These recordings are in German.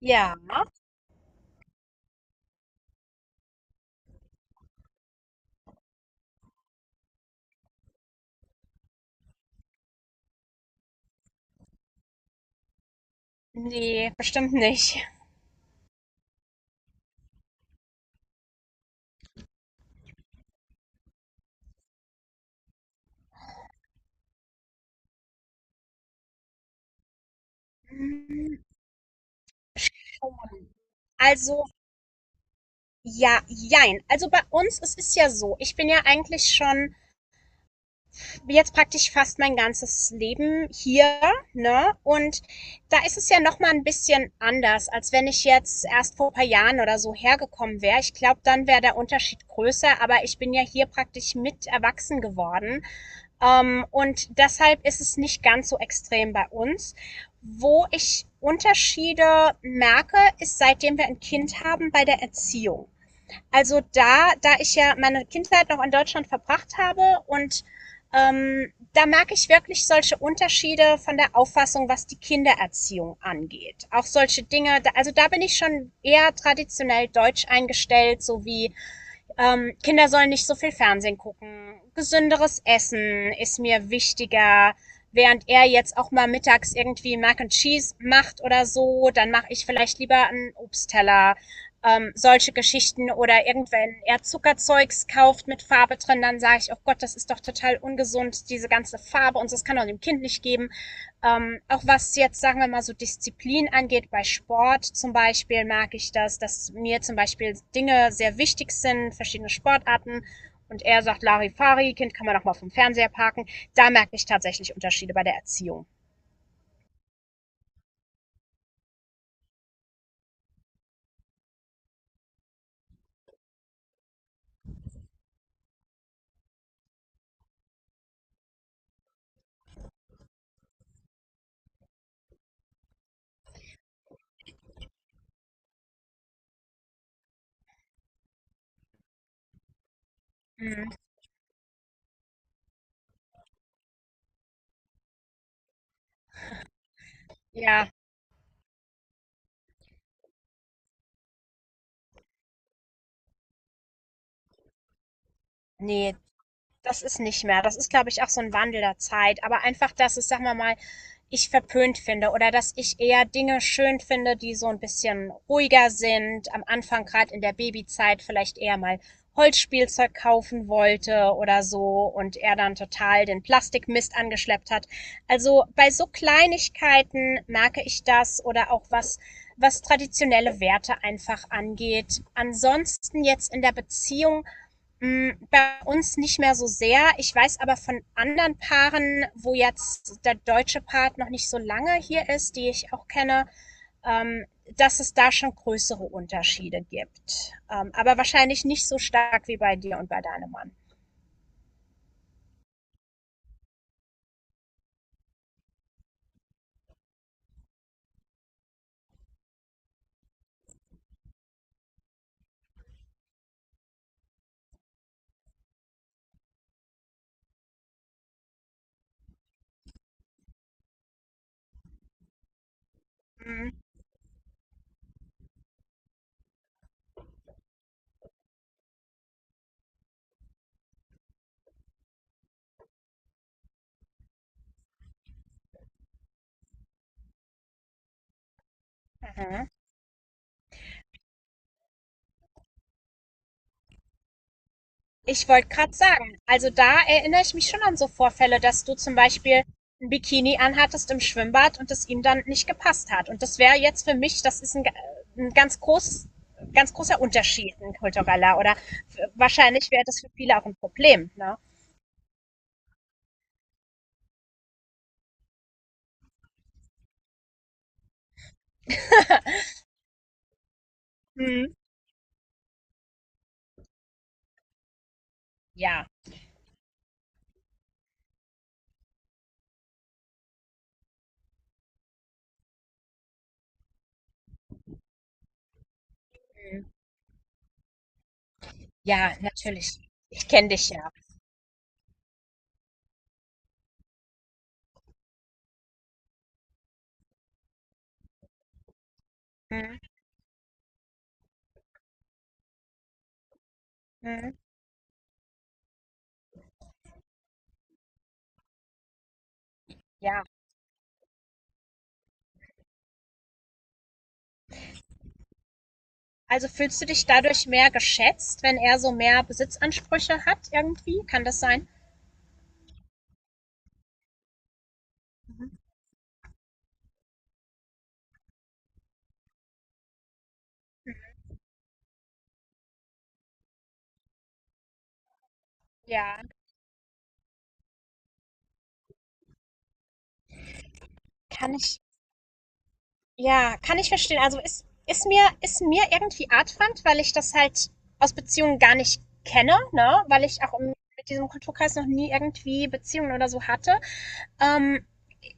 Ja, ne, bestimmt nicht. Hm, schon. Also, ja, jein. Also bei uns, es ist ja so, ich bin ja eigentlich schon jetzt praktisch fast mein ganzes Leben hier, ne? Und da ist es ja noch mal ein bisschen anders, als wenn ich jetzt erst vor ein paar Jahren oder so hergekommen wäre. Ich glaube, dann wäre der Unterschied größer, aber ich bin ja hier praktisch mit erwachsen geworden. Und deshalb ist es nicht ganz so extrem bei uns. Wo ich Unterschiede merke, ist seitdem wir ein Kind haben bei der Erziehung. Also da, da ich ja meine Kindheit noch in Deutschland verbracht habe und da merke ich wirklich solche Unterschiede von der Auffassung, was die Kindererziehung angeht. Auch solche Dinge, also da bin ich schon eher traditionell deutsch eingestellt, so wie Kinder sollen nicht so viel Fernsehen gucken. Gesünderes Essen ist mir wichtiger. Während er jetzt auch mal mittags irgendwie Mac and Cheese macht oder so, dann mache ich vielleicht lieber einen Obstteller. Solche Geschichten, oder irgendwann er Zuckerzeugs kauft mit Farbe drin, dann sage ich, oh Gott, das ist doch total ungesund, diese ganze Farbe und so, das kann doch dem Kind nicht geben. Auch was jetzt, sagen wir mal, so Disziplin angeht, bei Sport zum Beispiel merke ich das, dass mir zum Beispiel Dinge sehr wichtig sind, verschiedene Sportarten. Und er sagt, Larifari, Kind kann man doch mal vom Fernseher parken. Da merke ich tatsächlich Unterschiede bei der Erziehung. Mhm. Ja, nee, das ist nicht mehr. Das ist, glaube ich, auch so ein Wandel der Zeit, aber einfach, dass es, sagen wir mal, ich verpönt finde oder dass ich eher Dinge schön finde, die so ein bisschen ruhiger sind. Am Anfang, gerade in der Babyzeit, vielleicht eher mal Holzspielzeug kaufen wollte oder so und er dann total den Plastikmist angeschleppt hat. Also, bei so Kleinigkeiten merke ich das, oder auch was traditionelle Werte einfach angeht. Ansonsten jetzt in der Beziehung. Bei uns nicht mehr so sehr. Ich weiß aber von anderen Paaren, wo jetzt der deutsche Part noch nicht so lange hier ist, die ich auch kenne, ähm, dass es da schon größere Unterschiede gibt. Aber wahrscheinlich nicht so stark wie bei dir und bei deinem Mann. Mhm. Ich wollte gerade sagen, also da erinnere ich mich schon an so Vorfälle, dass du zum Beispiel ein Bikini anhattest im Schwimmbad und es ihm dann nicht gepasst hat. Und das wäre jetzt für mich, das ist ein ganz großer Unterschied, ein kultureller. Oder wahrscheinlich wäre das für viele auch ein Problem. Ne? Mhm. Ja, mhm. Ja, natürlich. Ich kenne dich ja. Mhm. Mhm. Ja. Also fühlst du dich dadurch mehr geschätzt, wenn er so mehr Besitzansprüche hat irgendwie? Kann das sein? Ja, kann ich Ja, kann ich verstehen. Also ist mir irgendwie artfremd, weil ich das halt aus Beziehungen gar nicht kenne, ne? Weil ich auch mit diesem Kulturkreis noch nie irgendwie Beziehungen oder so hatte. Ähm,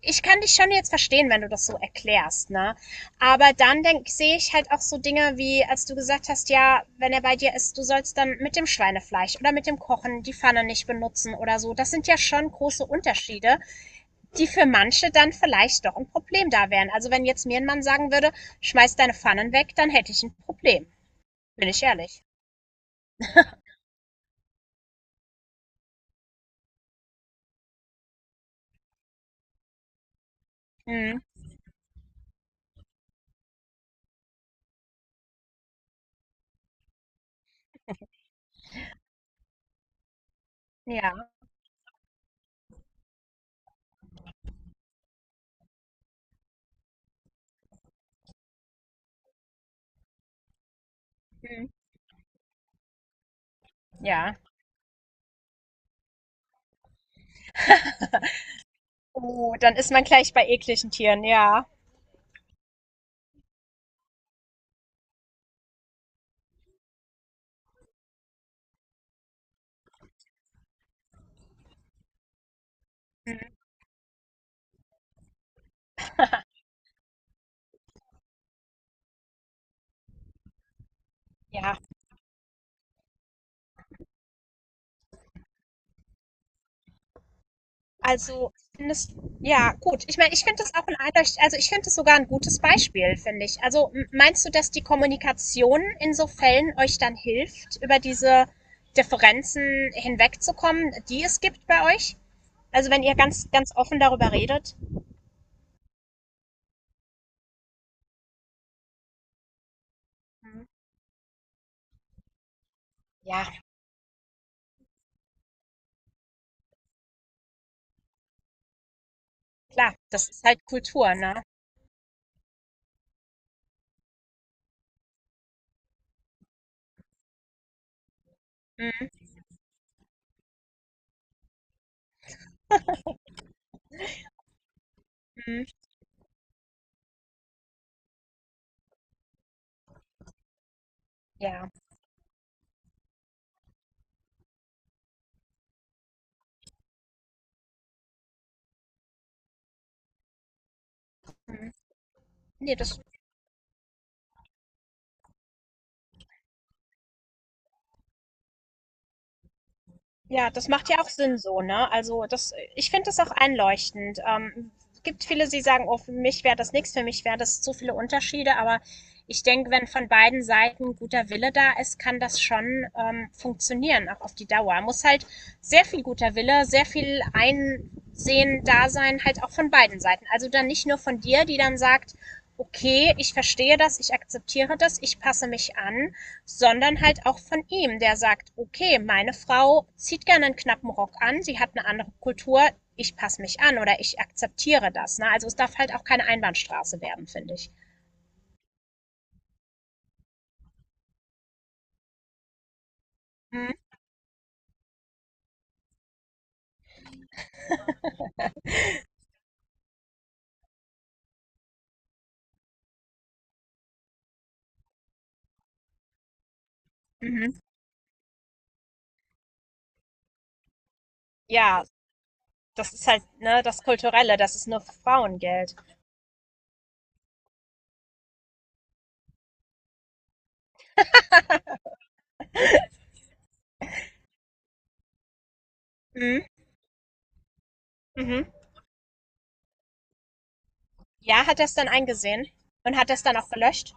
ich kann dich schon jetzt verstehen, wenn du das so erklärst, ne? Aber dann sehe ich halt auch so Dinge wie, als du gesagt hast, ja, wenn er bei dir ist, du sollst dann mit dem Schweinefleisch oder mit dem Kochen die Pfanne nicht benutzen oder so. Das sind ja schon große Unterschiede, die für manche dann vielleicht doch ein Problem da wären. Also wenn jetzt mir ein Mann sagen würde, schmeiß deine Pfannen weg, dann hätte ich ein Problem. Bin ich ehrlich. Mhm. Ja. Mhm. Ja. Oh, dann ist man gleich bei ekligen Tieren, ja. Mhm. Ja. Also, ja, gut. Ich meine, ich finde das auch ein eindeutig, also ich finde das sogar ein gutes Beispiel, finde ich. Also, meinst du, dass die Kommunikation in so Fällen euch dann hilft, über diese Differenzen hinwegzukommen, die es gibt bei euch? Also, wenn ihr ganz ganz offen darüber redet. Ja, klar, das ist halt Kultur, ne? Mhm. Ja. Mhm. Ne, das Ja, das macht ja auch Sinn so, ne? Also, das ich finde das auch einleuchtend. Es gibt viele, die sagen: „Oh, für mich wäre das nichts, für mich wäre das zu viele Unterschiede." Aber ich denke, wenn von beiden Seiten guter Wille da ist, kann das schon, funktionieren, auch auf die Dauer. Muss halt sehr viel guter Wille, sehr viel Einsehen da sein, halt auch von beiden Seiten. Also, dann nicht nur von dir, die dann sagt: „Okay, ich verstehe das, ich akzeptiere das, ich passe mich an.", sondern halt auch von ihm, der sagt, okay, meine Frau zieht gerne einen knappen Rock an, sie hat eine andere Kultur, ich passe mich an oder ich akzeptiere das. Ne? Also es darf halt auch keine Einbahnstraße werden, finde ich. Mhm. Mhm. Ja, das ist halt ne, das Kulturelle, das ist nur für Frauen gilt. Mhm. Mhm. Ja, hat er es dann eingesehen und hat er es dann auch gelöscht?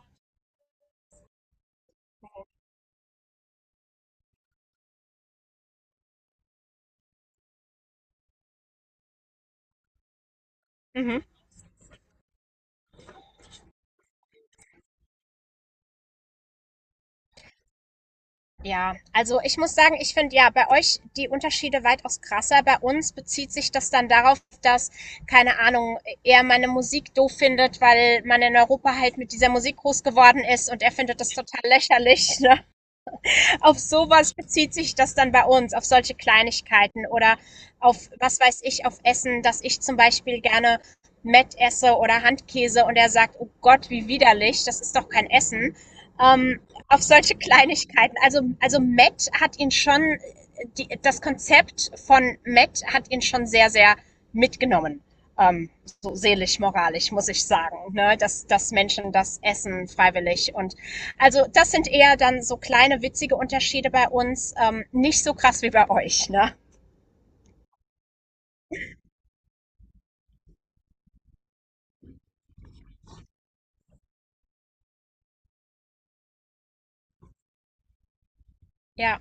Mhm. Ja, also ich muss sagen, ich finde ja bei euch die Unterschiede weitaus krasser. Bei uns bezieht sich das dann darauf, dass, keine Ahnung, er meine Musik doof findet, weil man in Europa halt mit dieser Musik groß geworden ist und er findet das total lächerlich, ne? Auf sowas bezieht sich das dann bei uns, auf solche Kleinigkeiten oder auf, was weiß ich, auf Essen, dass ich zum Beispiel gerne Mett esse oder Handkäse und er sagt, oh Gott, wie widerlich, das ist doch kein Essen. Ähm, auf solche Kleinigkeiten. Also Matt hat ihn schon, das Konzept von Matt hat ihn schon sehr, sehr mitgenommen. Ähm, so seelisch, moralisch, muss ich sagen, ne? dass, Menschen das essen freiwillig, und also das sind eher dann so kleine witzige Unterschiede bei uns, nicht so krass wie bei euch, ne? Ja,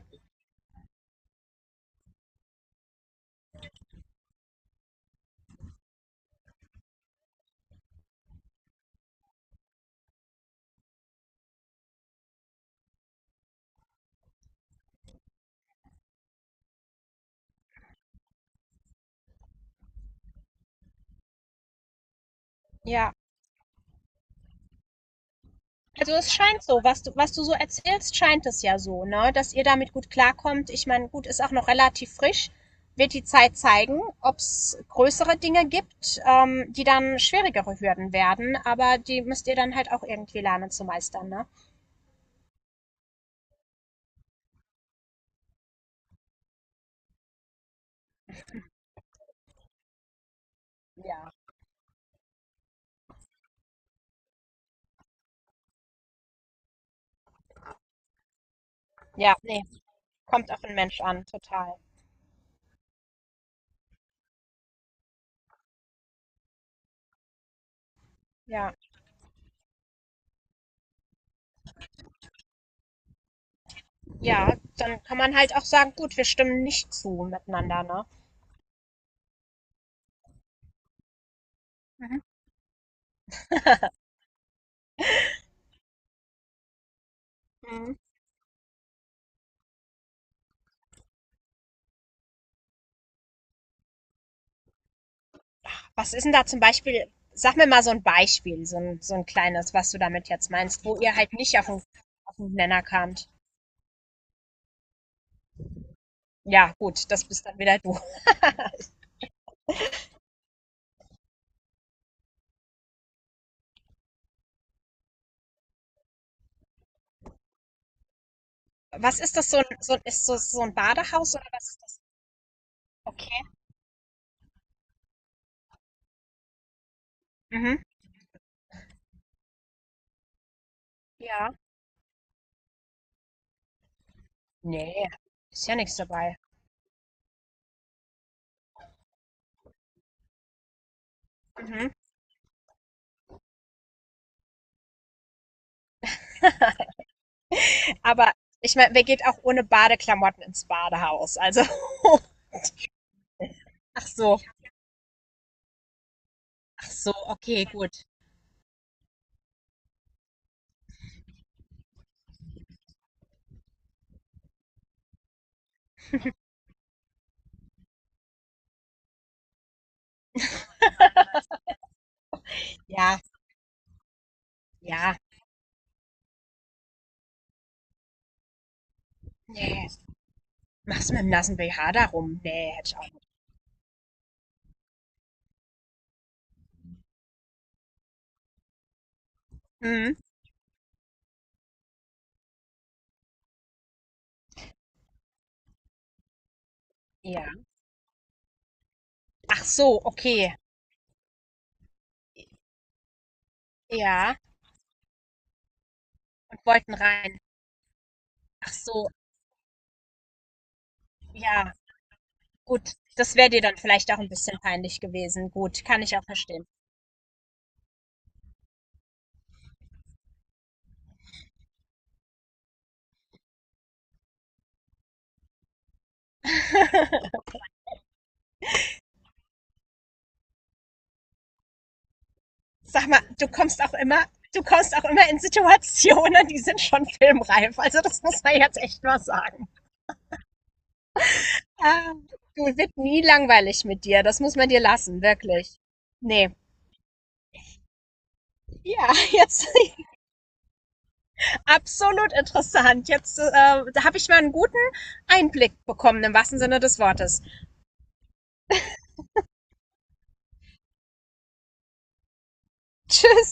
ja. Also es scheint so, was du so erzählst, scheint es ja so, ne? Dass ihr damit gut klarkommt. Ich meine, gut, ist auch noch relativ frisch. Wird die Zeit zeigen, ob es größere Dinge gibt, die dann schwierigere Hürden werden, aber die müsst ihr dann halt auch irgendwie lernen zu meistern, ne? Ja. Ja, nee, kommt auf den Mensch an, total. Ja. Ja, dann kann man halt auch sagen: „Gut, wir stimmen nicht zu miteinander", ne? Mhm. Mhm. Was ist denn da zum Beispiel, sag mir mal so ein Beispiel, so 'n kleines, was du damit jetzt meinst, wo ihr halt nicht auf 'n Nenner kamt. Ja, gut, das bist dann wieder du. Was ist das, so ein ist das so 'n Badehaus oder was ist das? Okay. Mhm. Ja. Ne, ist ja nichts dabei. Mhm. Aber ich meine, wer geht auch ohne Badeklamotten ins Badehaus? Also ach so, ach so, okay, gut. Ja, ja. Nee. Machst du mit dem nassen BH darum? Nee, hätte ich auch nicht. Mhm. Ja. Ach so, okay. Ja. Und wollten rein. Ach so, ja. Gut. Das wäre dir dann vielleicht auch ein bisschen peinlich gewesen. Gut, kann ich auch verstehen. Sag mal, du kommst auch immer in Situationen, die sind schon filmreif. Also das muss man jetzt echt mal sagen. Ah, du wird nie langweilig mit dir. Das muss man dir lassen, wirklich. Nee. Ja, jetzt, absolut interessant. Jetzt da habe ich mal einen guten Einblick bekommen, im wahrsten Sinne des Wortes. Tschüss.